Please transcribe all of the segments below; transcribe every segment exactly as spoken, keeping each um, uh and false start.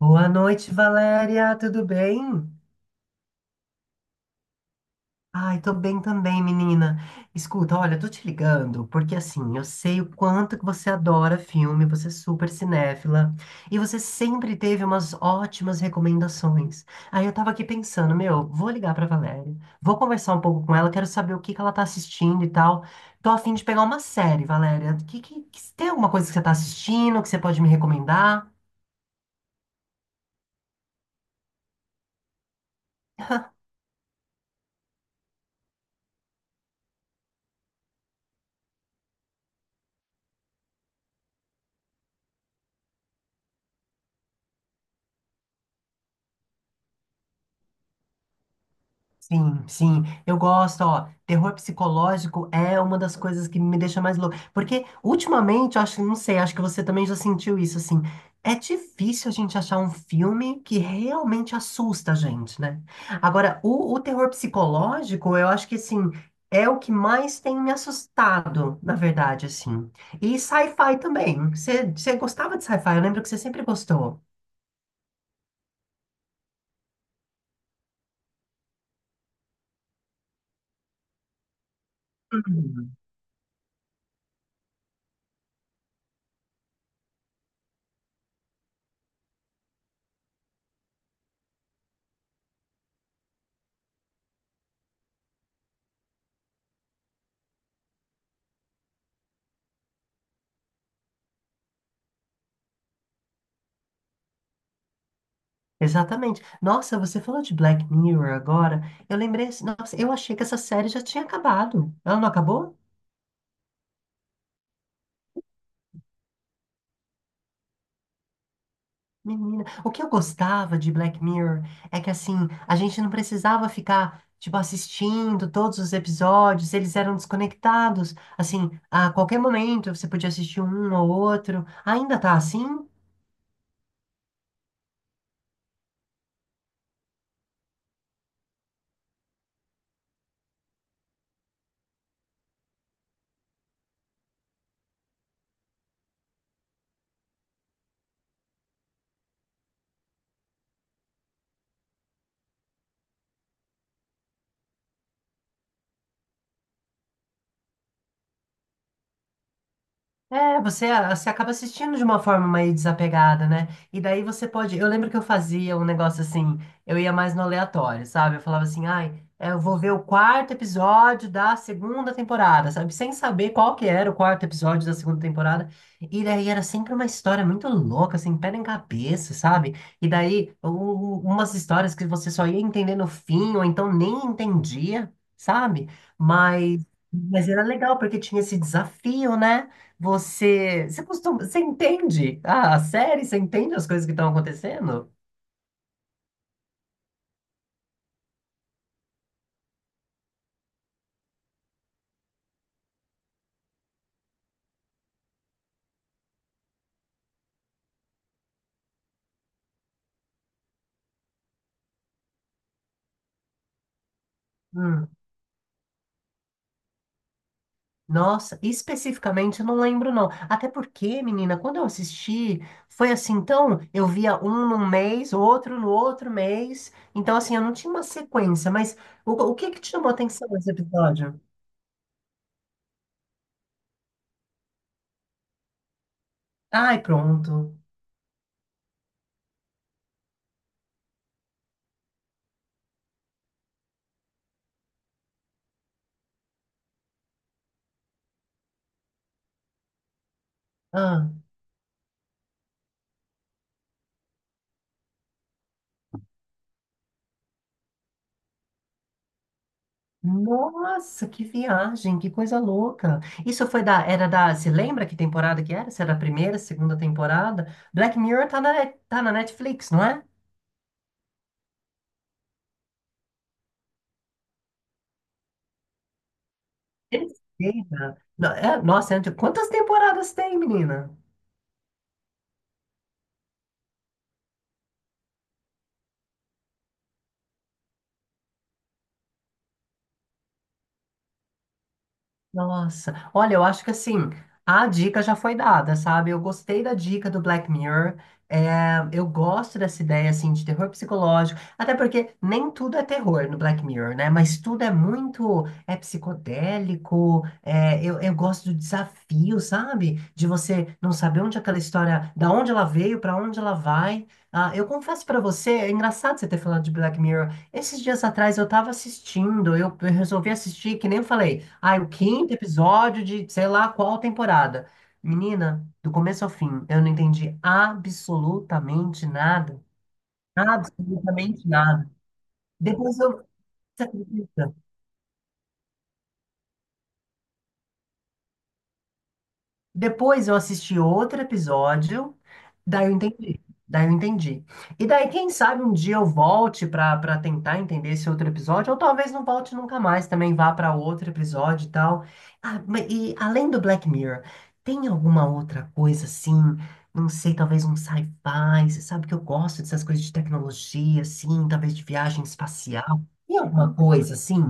Boa noite, Valéria, tudo bem? Ai, tô bem também, menina. Escuta, olha, tô te ligando porque assim, eu sei o quanto que você adora filme, você é super cinéfila e você sempre teve umas ótimas recomendações. Aí eu tava aqui pensando, meu, vou ligar pra Valéria, vou conversar um pouco com ela, quero saber o que que ela tá assistindo e tal. Tô a fim de pegar uma série, Valéria. Que, que, que- tem alguma coisa que você tá assistindo que você pode me recomendar? Sim, sim, eu gosto, ó, terror psicológico é uma das coisas que me deixa mais louco, porque ultimamente, eu acho, não sei, acho que você também já sentiu isso, assim, é difícil a gente achar um filme que realmente assusta a gente, né? Agora, o, o terror psicológico, eu acho que, assim, é o que mais tem me assustado, na verdade, assim, e sci-fi também, você você gostava de sci-fi, eu lembro que você sempre gostou. Exatamente. Nossa, você falou de Black Mirror agora. Eu lembrei, assim, nossa, eu achei que essa série já tinha acabado. Ela não acabou? Menina, o que eu gostava de Black Mirror é que assim, a gente não precisava ficar tipo assistindo todos os episódios, eles eram desconectados. Assim, a qualquer momento você podia assistir um ou outro. Ainda tá assim? É, você, você acaba assistindo de uma forma mais desapegada, né? E daí você pode. Eu lembro que eu fazia um negócio assim, eu ia mais no aleatório, sabe? Eu falava assim, ai, é, eu vou ver o quarto episódio da segunda temporada, sabe? Sem saber qual que era o quarto episódio da segunda temporada. E daí era sempre uma história muito louca, assim, pé em cabeça, sabe? E daí u- umas histórias que você só ia entender no fim, ou então nem entendia, sabe? Mas, mas era legal, porque tinha esse desafio, né? Você, você costuma, você entende? Ah, a série? Você entende as coisas que estão acontecendo? Hum, nossa, especificamente eu não lembro não. Até porque, menina, quando eu assisti, foi assim, então eu via um num mês, outro no outro mês. Então assim, eu não tinha uma sequência, mas o, o que que te chamou a atenção nesse episódio? Ai, pronto. Ah. Nossa, que viagem, que coisa louca. Isso foi da, era da, se lembra que temporada que era? Se era a primeira, segunda temporada? Black Mirror tá na, Net- tá na Netflix, não é? Terceira. No- é, nossa, é antigo. Quantas temporadas tem, menina? Nossa, olha, eu acho que assim, a dica já foi dada, sabe? Eu gostei da dica do Black Mirror. É, eu gosto dessa ideia, assim, de terror psicológico. Até porque nem tudo é terror no Black Mirror, né? Mas tudo é muito, é psicodélico. É, eu, eu gosto do desafio, sabe? De você não saber onde aquela história, da onde ela veio, para onde ela vai. Ah, eu confesso para você, é engraçado você ter falado de Black Mirror. Esses dias atrás eu tava assistindo, eu eu resolvi assistir, que nem eu falei, ah, o quinto episódio de sei lá qual temporada. Menina, do começo ao fim, eu não entendi absolutamente nada. Absolutamente nada. Depois eu. Você acredita? Depois eu assisti outro episódio, daí eu entendi. Daí eu entendi. E daí, quem sabe um dia eu volte para para tentar entender esse outro episódio, ou talvez não volte nunca mais, também vá para outro episódio e tal. Ah, ma- e além do Black Mirror, tem alguma outra coisa assim? Não sei, talvez um sci-fi. Você sabe que eu gosto dessas coisas de tecnologia, assim, talvez de viagem espacial. Tem alguma coisa assim?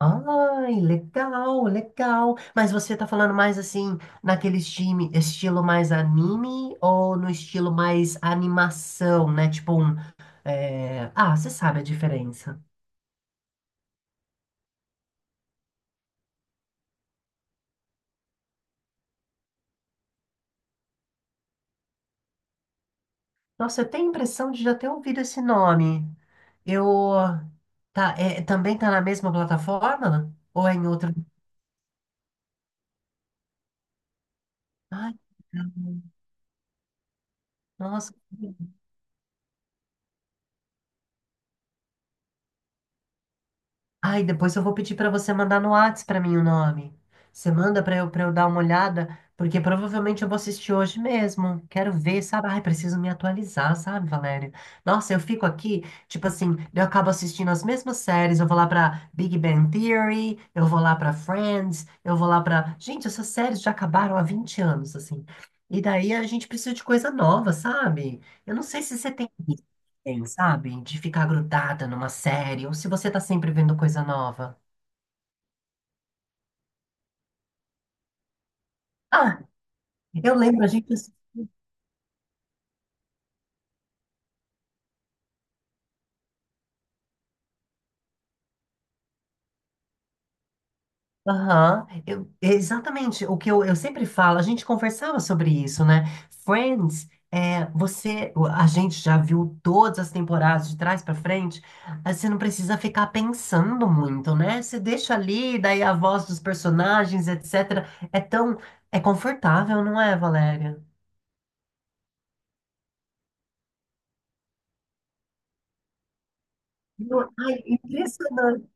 Ai, legal, legal. Mas você tá falando mais assim, naquele time, estilo mais anime ou no estilo mais animação, né? Tipo um. É, ah, você sabe a diferença. Nossa, eu tenho a impressão de já ter ouvido esse nome. Eu. Tá, é, também tá na mesma plataforma? Ou é em outra? Ai, nossa. Ai, depois eu vou pedir para você mandar no Whats para mim o nome. Você manda para eu, para eu dar uma olhada, porque provavelmente eu vou assistir hoje mesmo. Quero ver, sabe? Ai, preciso me atualizar, sabe, Valéria? Nossa, eu fico aqui, tipo assim, eu acabo assistindo as mesmas séries. Eu vou lá para Big Bang Theory, eu vou lá para Friends, eu vou lá para. Gente, essas séries já acabaram há vinte anos, assim. E daí a gente precisa de coisa nova, sabe? Eu não sei se você tem tem, sabe? De ficar grudada numa série, ou se você tá sempre vendo coisa nova. Ah, eu lembro, a gente. Aham, eu- exatamente. O que eu, eu sempre falo, a gente conversava sobre isso, né? Friends, é, você, a gente já viu todas as temporadas de trás pra frente, aí você não precisa ficar pensando muito, né? Você deixa ali, daí a voz dos personagens, et cetera. É tão, é confortável, não é, Valéria? Não, ai, impressionante.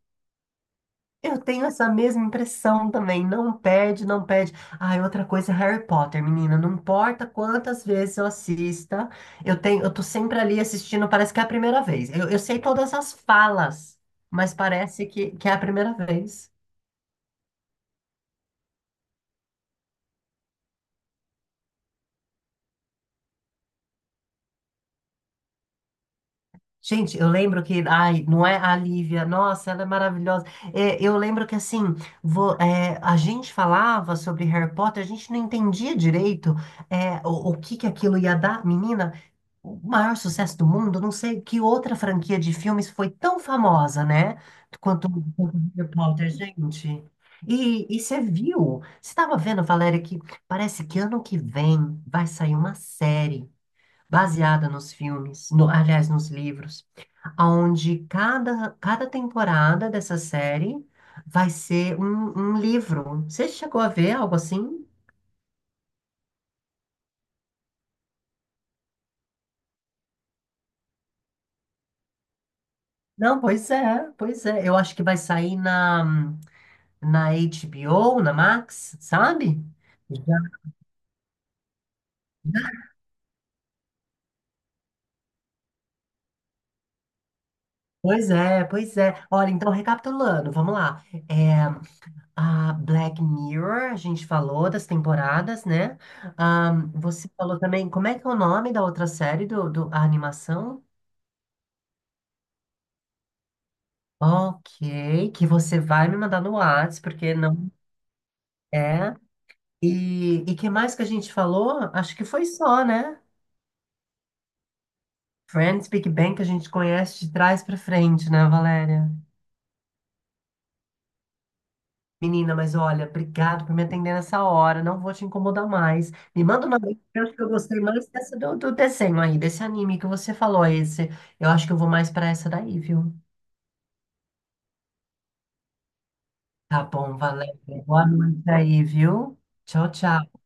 Eu tenho essa mesma impressão também. Não perde, não perde. Ah, e outra coisa é Harry Potter, menina. Não importa quantas vezes eu assista, eu tenho, eu tô sempre ali assistindo, parece que é a primeira vez. Eu, eu sei todas as falas, mas parece que, que é a primeira vez. Gente, eu lembro que, ai, não é a Lívia, nossa, ela é maravilhosa. É, eu lembro que, assim, vo- é, a gente falava sobre Harry Potter, a gente não entendia direito, é, o, o que que aquilo ia dar, menina. O maior sucesso do mundo, não sei que outra franquia de filmes foi tão famosa, né? Quanto quanto Harry Potter, gente. E, e você viu? Você estava vendo, Valéria, que parece que ano que vem vai sair uma série baseada nos filmes, no- aliás, nos livros, onde cada, cada temporada dessa série vai ser um, um livro. Você chegou a ver algo assim? Não, pois é, pois é. Eu acho que vai sair na. Na H B O, na Max, sabe? Já- Pois é, pois é. Olha, então recapitulando, vamos lá. É, a Black Mirror, a gente falou das temporadas, né? Ahn, você falou também, como é que é o nome da outra série do, do a animação? Ok, que você vai me mandar no Whats, porque não é. E, e que mais que a gente falou? Acho que foi só, né? Friends, Big Bang, que a gente conhece de trás pra frente, né, Valéria? Menina, mas olha, obrigado por me atender nessa hora. Não vou te incomodar mais. Me manda uma vez, eu acho que eu gostei mais dessa do, do desenho aí, desse anime que você falou, esse. Eu acho que eu vou mais pra essa daí, viu? Tá bom, valeu. Boa noite aí, viu? Tchau, tchau.